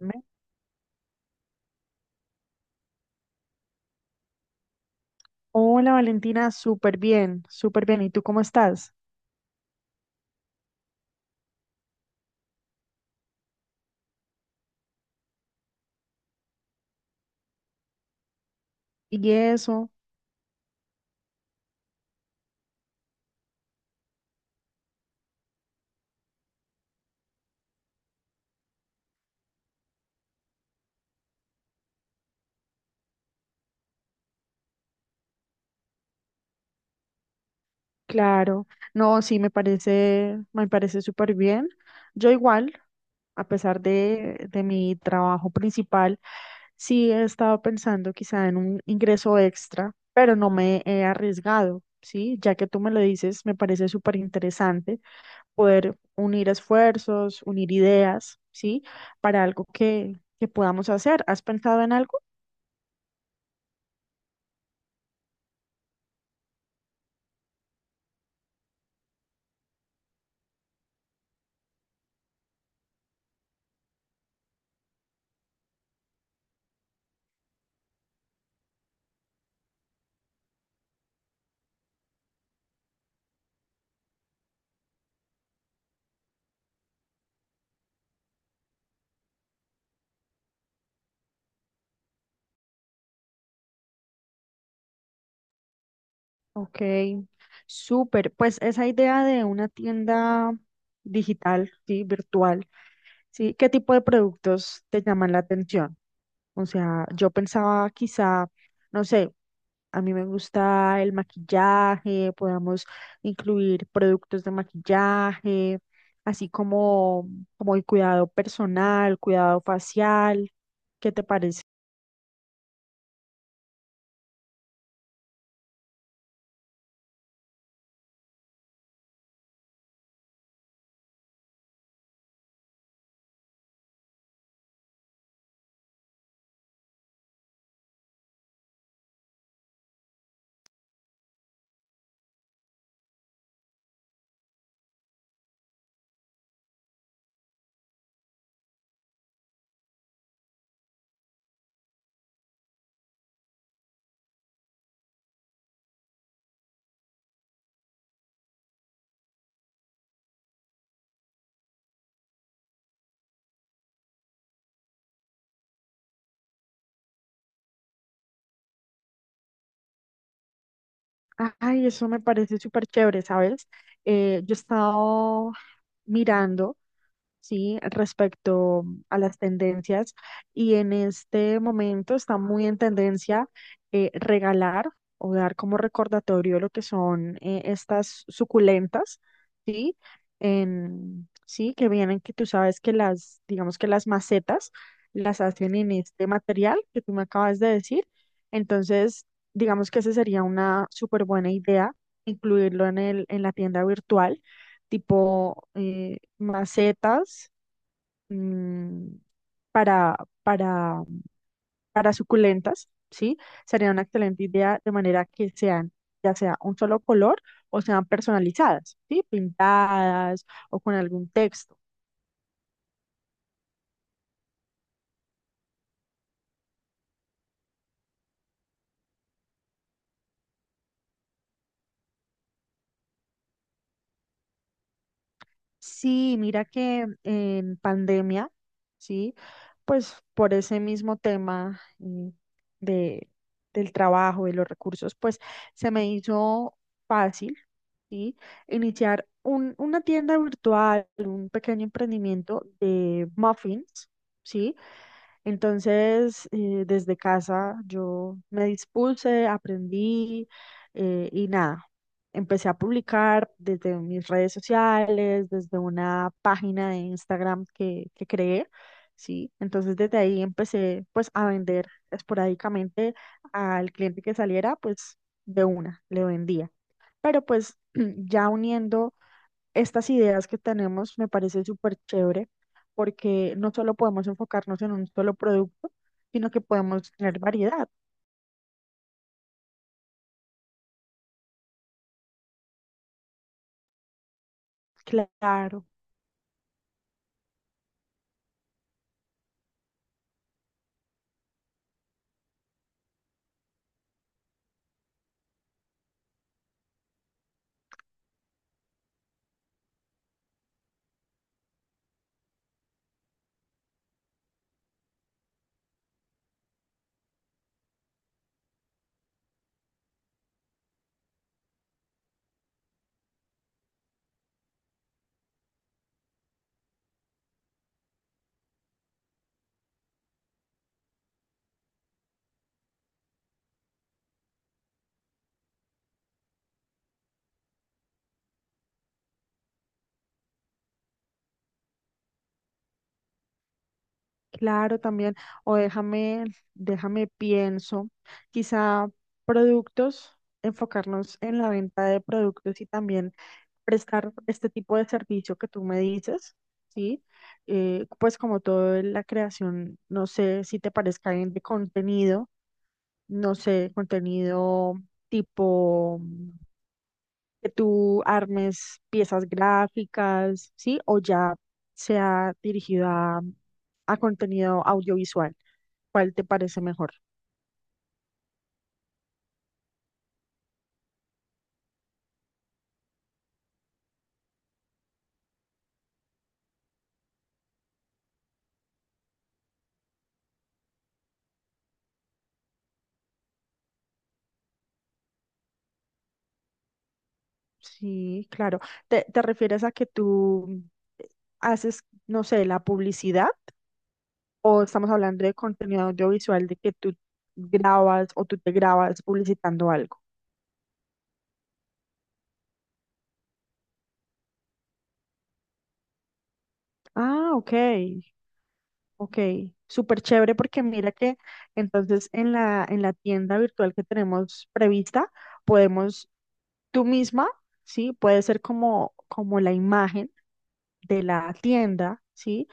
Me- Hola Valentina, súper bien, súper bien. ¿Y tú cómo estás? Y eso, claro. No, sí, me parece súper bien. Yo igual, a pesar de mi trabajo principal, sí he estado pensando quizá en un ingreso extra, pero no me he arriesgado, ¿sí? Ya que tú me lo dices, me parece súper interesante poder unir esfuerzos, unir ideas, ¿sí? Para algo que podamos hacer. ¿Has pensado en algo? Ok, súper. Pues esa idea de una tienda digital, sí, virtual, sí, ¿qué tipo de productos te llaman la atención? O sea, yo pensaba quizá, no sé, a mí me gusta el maquillaje, podamos incluir productos de maquillaje, así como, como el cuidado personal, cuidado facial. ¿Qué te parece? Ay, eso me parece súper chévere, ¿sabes? Yo he estado mirando, ¿sí? Respecto a las tendencias y en este momento está muy en tendencia regalar o dar como recordatorio lo que son estas suculentas, ¿sí? En, sí, que vienen, que tú sabes que las, digamos que las macetas las hacen en este material que tú me acabas de decir. Entonces, digamos que esa sería una súper buena idea, incluirlo en la tienda virtual, tipo macetas mm, para, para, para suculentas, ¿sí? Sería una excelente idea de manera que sean, ya sea un solo color o sean personalizadas, ¿sí? Pintadas o con algún texto. Sí, mira que en pandemia, sí, pues por ese mismo tema de, del trabajo, y los recursos, pues se me hizo fácil, ¿sí? Iniciar un, una tienda virtual, un pequeño emprendimiento de muffins, ¿sí? Entonces, desde casa yo me dispuse, aprendí y nada, empecé a publicar desde mis redes sociales, desde una página de Instagram que creé, ¿sí? Entonces, desde ahí empecé pues a vender esporádicamente al cliente que saliera, pues de una, le vendía. Pero pues ya uniendo estas ideas que tenemos me parece súper chévere porque no solo podemos enfocarnos en un solo producto, sino que podemos tener variedad. Claro, claro también. O déjame, déjame pienso, quizá productos, enfocarnos en la venta de productos y también prestar este tipo de servicio que tú me dices, ¿sí? Pues como todo en la creación, no sé si te parezca bien de contenido no sé, contenido tipo que tú armes piezas gráficas, ¿sí? O ya sea dirigido a contenido audiovisual. ¿Cuál te parece mejor? Sí, claro. ¿Te refieres a que tú haces, no sé, la publicidad? ¿O estamos hablando de contenido audiovisual de que tú grabas o tú te grabas publicitando algo? Ah, ok. Ok, súper chévere porque mira que entonces en la tienda virtual que tenemos prevista, podemos tú misma, ¿sí? Puede ser como, como la imagen de la tienda, ¿sí?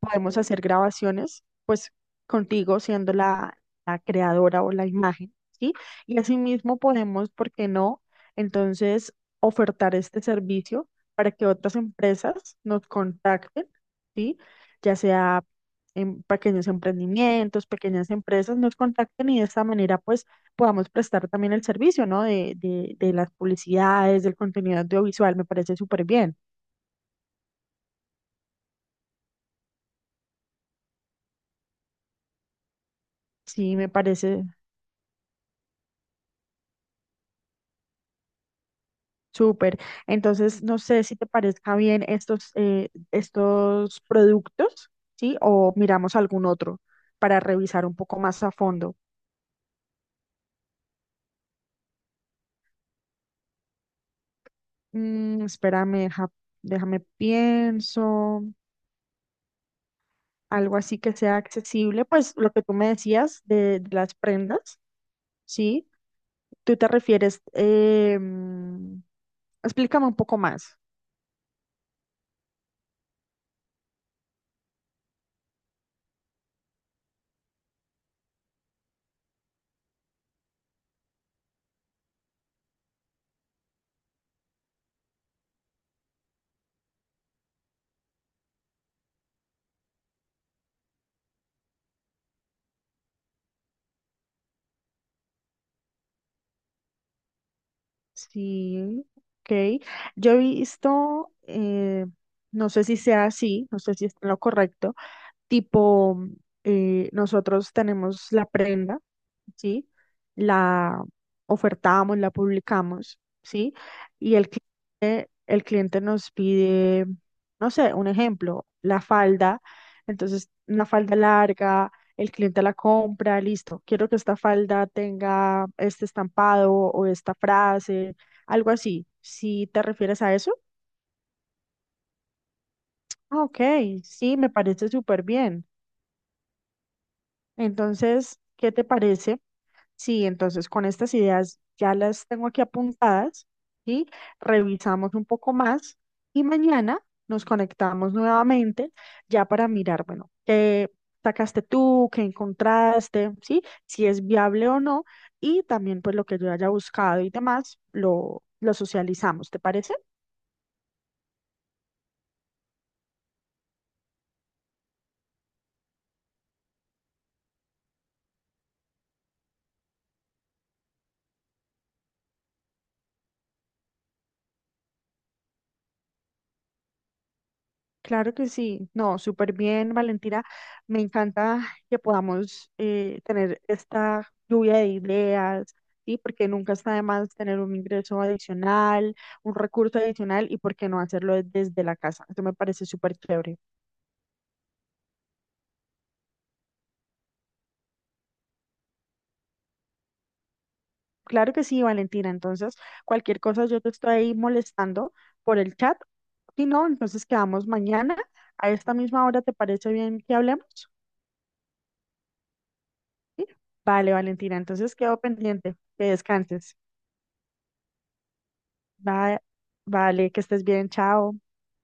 Podemos hacer grabaciones, pues contigo siendo la, la creadora o la imagen, ¿sí? Y asimismo podemos, ¿por qué no? Entonces, ofertar este servicio para que otras empresas nos contacten, ¿sí? Ya sea en pequeños emprendimientos, pequeñas empresas nos contacten y de esta manera, pues, podamos prestar también el servicio, ¿no? De las publicidades, del contenido audiovisual, me parece súper bien. Sí, me parece Súper. Entonces, no sé si te parezca bien estos, estos productos, ¿sí? O miramos algún otro para revisar un poco más a fondo. Mm, espérame, déjame pienso. Algo así que sea accesible, pues lo que tú me decías de las prendas, ¿sí? Tú te refieres, explícame un poco más. Sí, ok. Yo he visto, no sé si sea así, no sé si es lo correcto. Tipo, nosotros tenemos la prenda, ¿sí? La ofertamos, la publicamos, ¿sí? Y el cliente nos pide, no sé, un ejemplo, la falda. Entonces, una falda larga, el cliente la compra, listo. Quiero que esta falda tenga este estampado o esta frase, algo así. Si te refieres a eso, ah, ok, sí, me parece súper bien. Entonces, ¿qué te parece? Sí, entonces con estas ideas ya las tengo aquí apuntadas, ¿sí? Revisamos un poco más y mañana nos conectamos nuevamente ya para mirar, bueno, qué sacaste tú, qué encontraste, ¿sí? Si es viable o no y también pues lo que yo haya buscado y demás, lo socializamos, ¿te parece? Claro que sí, no, súper bien, Valentina. Me encanta que podamos tener esta lluvia de ideas, ¿sí? Porque nunca está de más tener un ingreso adicional, un recurso adicional y por qué no hacerlo desde la casa. Eso me parece súper chévere. Claro que sí, Valentina. Entonces, cualquier cosa yo te estoy ahí molestando por el chat. Si no, entonces quedamos mañana a esta misma hora. ¿Te parece bien que hablemos? ¿Sí? Vale, Valentina. Entonces quedo pendiente. Que descanses. Va- vale, que estés bien, chao.